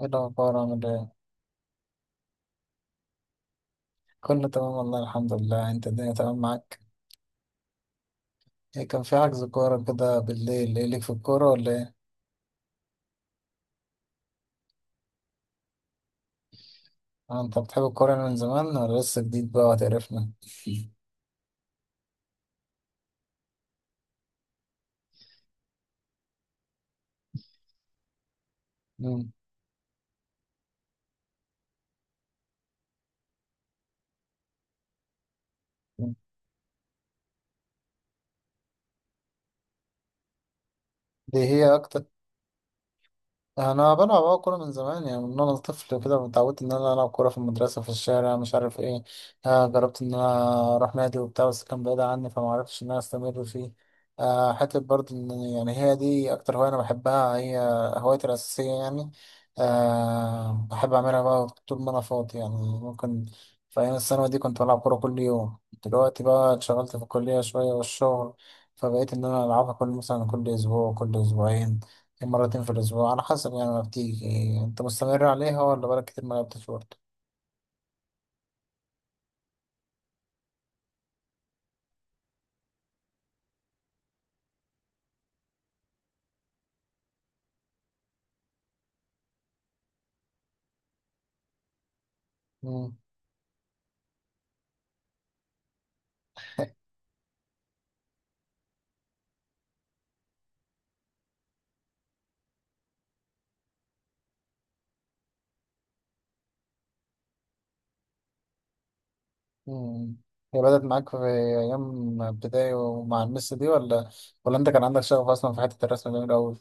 ايه الأخبار، عامل ايه؟ كله تمام والله، الحمد لله. انت الدنيا تمام معاك؟ ايه كان في حجز كورة كده بالليل، ايه ليك في الكورة ولا ايه؟ اه، انت بتحب الكورة من زمان ولا لسه جديد بقى وهتقرفنا؟ مم. دي هي أكتر. انا بلعب اه كوره من زمان، يعني من وانا طفل كده اتعودت ان انا العب كوره في المدرسه، في الشارع، مش عارف ايه. آه، جربت ان انا اروح نادي وبتاع، بس كان بعيد عني فما عرفتش ان انا استمر فيه. آه، حتى برضه ان يعني هي دي اكتر هوايه انا بحبها، هي هوايتي الاساسيه يعني. آه، بحب اعملها بقى طول ما انا فاضي يعني. ممكن في ايام الثانوي دي كنت بلعب كوره كل يوم. دلوقتي بقى اتشغلت في الكليه شويه والشغل، فبقيت ان انا العبها كل، مثلا كل اسبوع، كل اسبوعين، مرتين في الأسبوع، على حسب يعني ما بتيجي. أنت مستمر عليها ولا بقالك كتير ما لعبتش برضه؟ مم. مم. هي بدأت معاك في أيام ابتدائي ومع المس دي، ولا ولا أنت كان عندك شغف أصلا في حتة الرسم ده من الأول؟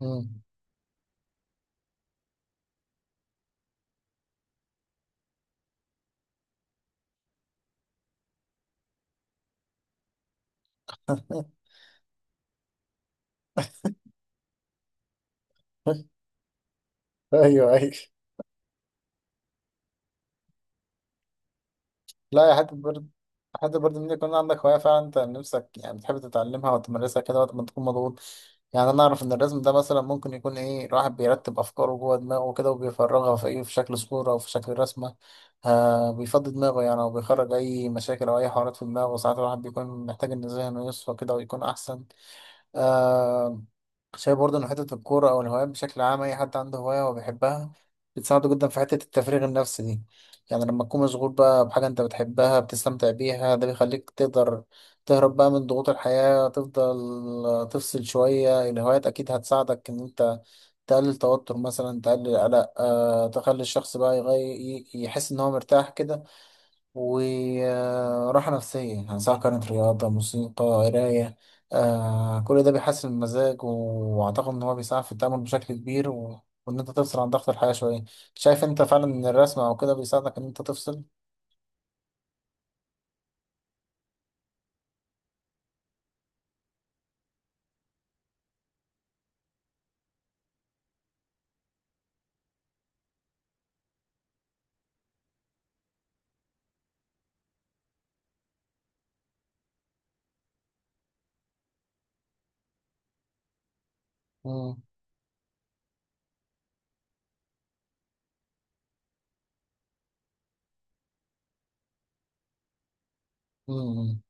مم. أيوه أيوه. لا يا حتة برد، حتى برضه ان يكون عندك هواية فعلا انت نفسك، يعني بتحب تتعلمها وتمارسها كده وقت ما تكون مضغوط. يعني انا اعرف ان الرسم ده مثلا ممكن يكون ايه، الواحد بيرتب افكاره جوه دماغه كده وبيفرغها في ايه، في شكل صورة او في شكل رسمة. آه، بيفضي دماغه يعني، او بيخرج اي مشاكل او اي حوارات في دماغه. ساعات الواحد بيكون محتاج ان ذهنه يصفى كده ويكون احسن. آه، شايف برضه إن حتة الكورة أو الهوايات بشكل عام، أي حد عنده هواية هو بيحبها بتساعده جدا في حتة التفريغ النفسي دي. يعني لما تكون مشغول بقى بحاجة أنت بتحبها بتستمتع بيها، ده بيخليك تقدر تهرب بقى من ضغوط الحياة، تفضل تفصل شوية. الهوايات أكيد هتساعدك إن أنت تقلل توتر مثلا، تقلل قلق، أه تخلي الشخص بقى يغير، يحس إن هو مرتاح كده وراحة نفسية، يعني سواء كانت رياضة، موسيقى، قراية. آه، كل ده بيحسن المزاج، وأعتقد إن هو بيساعد في التأمل بشكل كبير، و... وإن أنت تفصل عن ضغط الحياة شوية. شايف أنت فعلا إن الرسم أو كده بيساعدك إن أنت تفصل؟ مم. مم.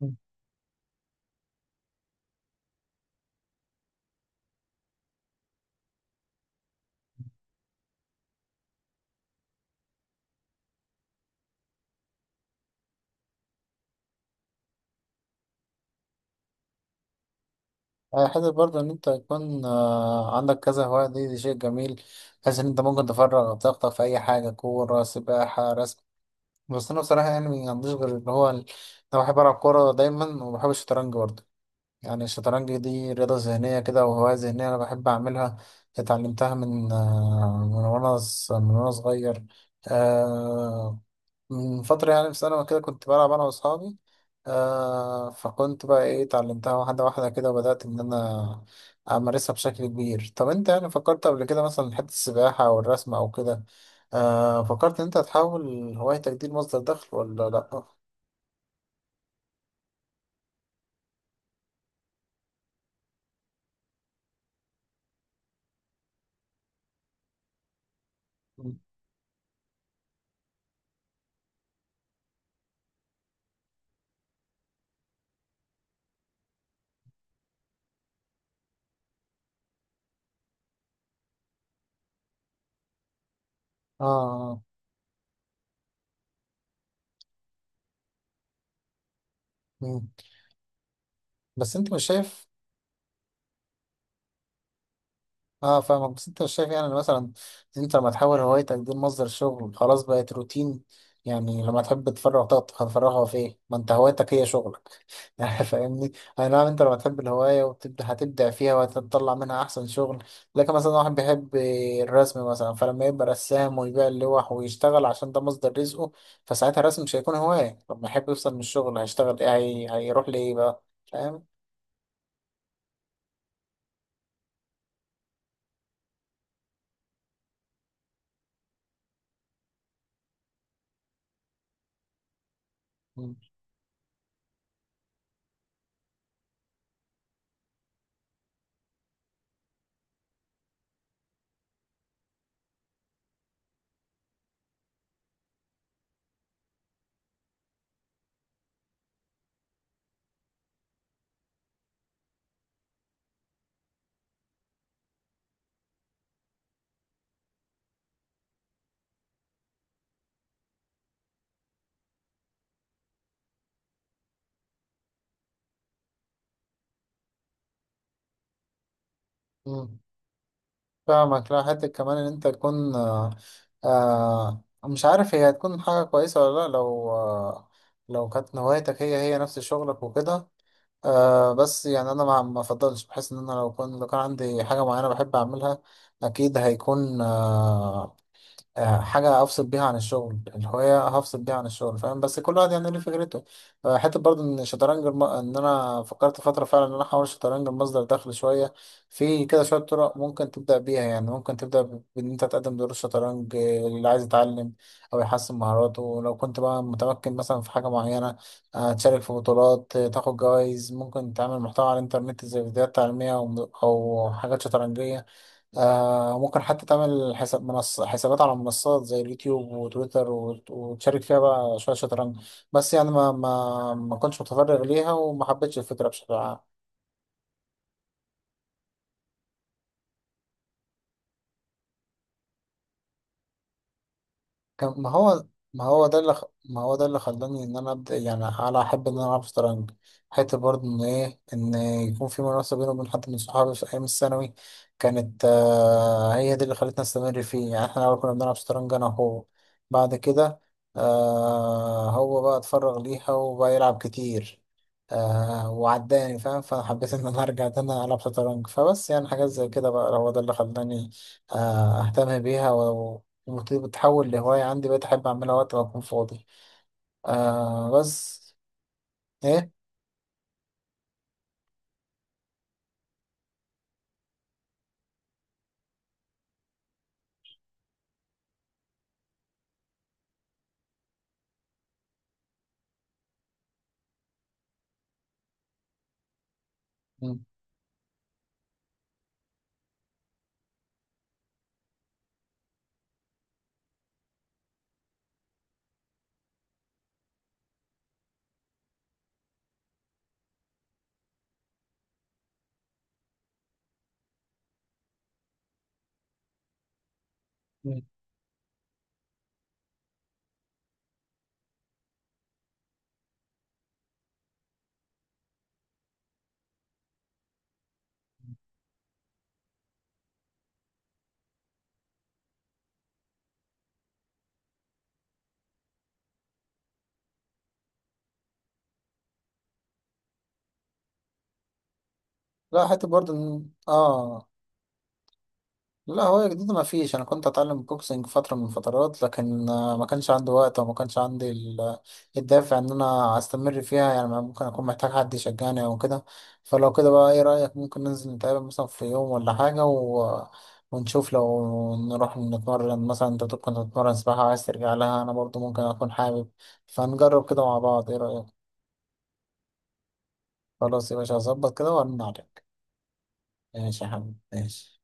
مم. آه، حتى برضه إن أنت يكون آه عندك كذا هواية، دي شيء جميل، بحيث إن أنت ممكن تفرغ طاقتك في أي حاجة، كورة، سباحة، رسم. بس أنا بصراحة يعني ما عنديش غير اللي هو ال-، أنا بحب ألعب كورة دايما وبحب الشطرنج برضه. يعني الشطرنج دي رياضة ذهنية كده وهواية ذهنية أنا بحب أعملها. اتعلمتها من آه، من وأنا صغير. آه، من فترة يعني في ثانوي كده كنت بلعب أنا وأصحابي. آه، فكنت بقى إيه اتعلمتها واحدة واحدة كده، وبدأت إن أنا أمارسها بشكل كبير. طب أنت يعني فكرت قبل كده مثلا في حتة السباحة أو الرسم أو كده؟ آه، فكرت إن أنت تحول هوايتك دي لمصدر دخل ولا لأ؟ آه آه. مم. بس انت مش شايف. اه فاهمك، بس انت مش شايف يعني إن مثلا انت لما تحول هوايتك دي لمصدر شغل، خلاص بقت روتين. يعني لما تحب تفرغ طاقتك، هتفرغها في ايه؟ ما انت هوايتك هي شغلك يعني فاهمني؟ اي نعم، انت لما تحب الهواية وتبدأ هتبدع فيها وهتطلع منها احسن شغل. لكن مثلا واحد بيحب الرسم مثلا، فلما يبقى رسام ويبيع اللوح ويشتغل عشان ده مصدر رزقه، فساعتها الرسم مش هيكون هواية. لما يحب يفصل من الشغل هيشتغل ايه، هي... هيروح لإيه بقى؟ فاهم؟ مم. فاهمك. لا حتى كمان ان انت تكون آه، آه مش عارف هي هتكون حاجة كويسة ولا لا لو آه، لو كانت هوايتك هي هي نفس شغلك وكده. آه بس يعني انا ما افضلش، بحس ان انا لو كنت، لو كان عندي حاجة معينة بحب اعملها اكيد هيكون آه آه، حاجة أفصل بيها عن الشغل، الهواية هفصل بيها عن الشغل، فاهم؟ بس كل واحد يعني ليه فكرته. آه، حتى برضه إن الشطرنج الم... إن أنا فكرت فترة فعلا إن أنا أحول الشطرنج لمصدر دخل شوية. في كده شوية طرق ممكن تبدأ بيها، يعني ممكن تبدأ بإن أنت تقدم دروس شطرنج آه، اللي عايز يتعلم أو يحسن مهاراته لو كنت بقى متمكن مثلا في حاجة معينة. آه، تشارك في بطولات، آه، تاخد جوائز. ممكن تعمل محتوى على الإنترنت زي فيديوهات تعليمية أو حاجات شطرنجية. آه، ممكن حتى تعمل حساب منصة، حسابات على منصات زي اليوتيوب وتويتر وتشارك فيها بقى شوية شطرنج. بس يعني ما كنتش متفرغ ليها وما حبيتش الفكرة بشكل عام. كان ما هو، ما هو ده اللي خ...، ما هو ده اللي خلاني ان انا ابدا، يعني على احب ان انا العب شطرنج حته برضه ان ايه، ان يكون في منافسه بيني وبين حد من صحابي في ايام الثانوي. كانت آه هي دي اللي خلتنا نستمر فيه. يعني احنا الاول كنا بنلعب شطرنج انا وهو، بعد كده آه هو بقى اتفرغ ليها وبقى يلعب كتير، آه وعداني، فاهم، فانا حبيت ان انا ارجع تاني العب شطرنج. فبس يعني حاجات زي كده بقى هو ده اللي خلاني آه اهتم بيها. المفروض بتتحول لهواية عندي، بقيت أحب أعملها وقت ما أكون فاضي. آه بس. إيه؟ مم. مم. لا حتى برضه إن-، آه لا هو جديد، ما فيش. انا كنت اتعلم بوكسنج فتره من الفترات، لكن آه، ما كانش عندي وقت وما كانش عندي ال- الدافع ان انا استمر فيها. يعني ممكن اكون محتاج حد يشجعني او كده، فلو كده بقى ايه رايك، ممكن ننزل نتقابل مثلا في يوم ولا حاجه، و... ونشوف لو نروح نتمرن. مثلا انت كنت بتتمرن سباحه وعايز ترجع لها، انا برضو ممكن اكون حابب، فنجرب كده مع بعض. ايه رايك؟ خلاص يا باشا، هظبط كده وارن عليك. ماشي يا حبيبي، ماشي.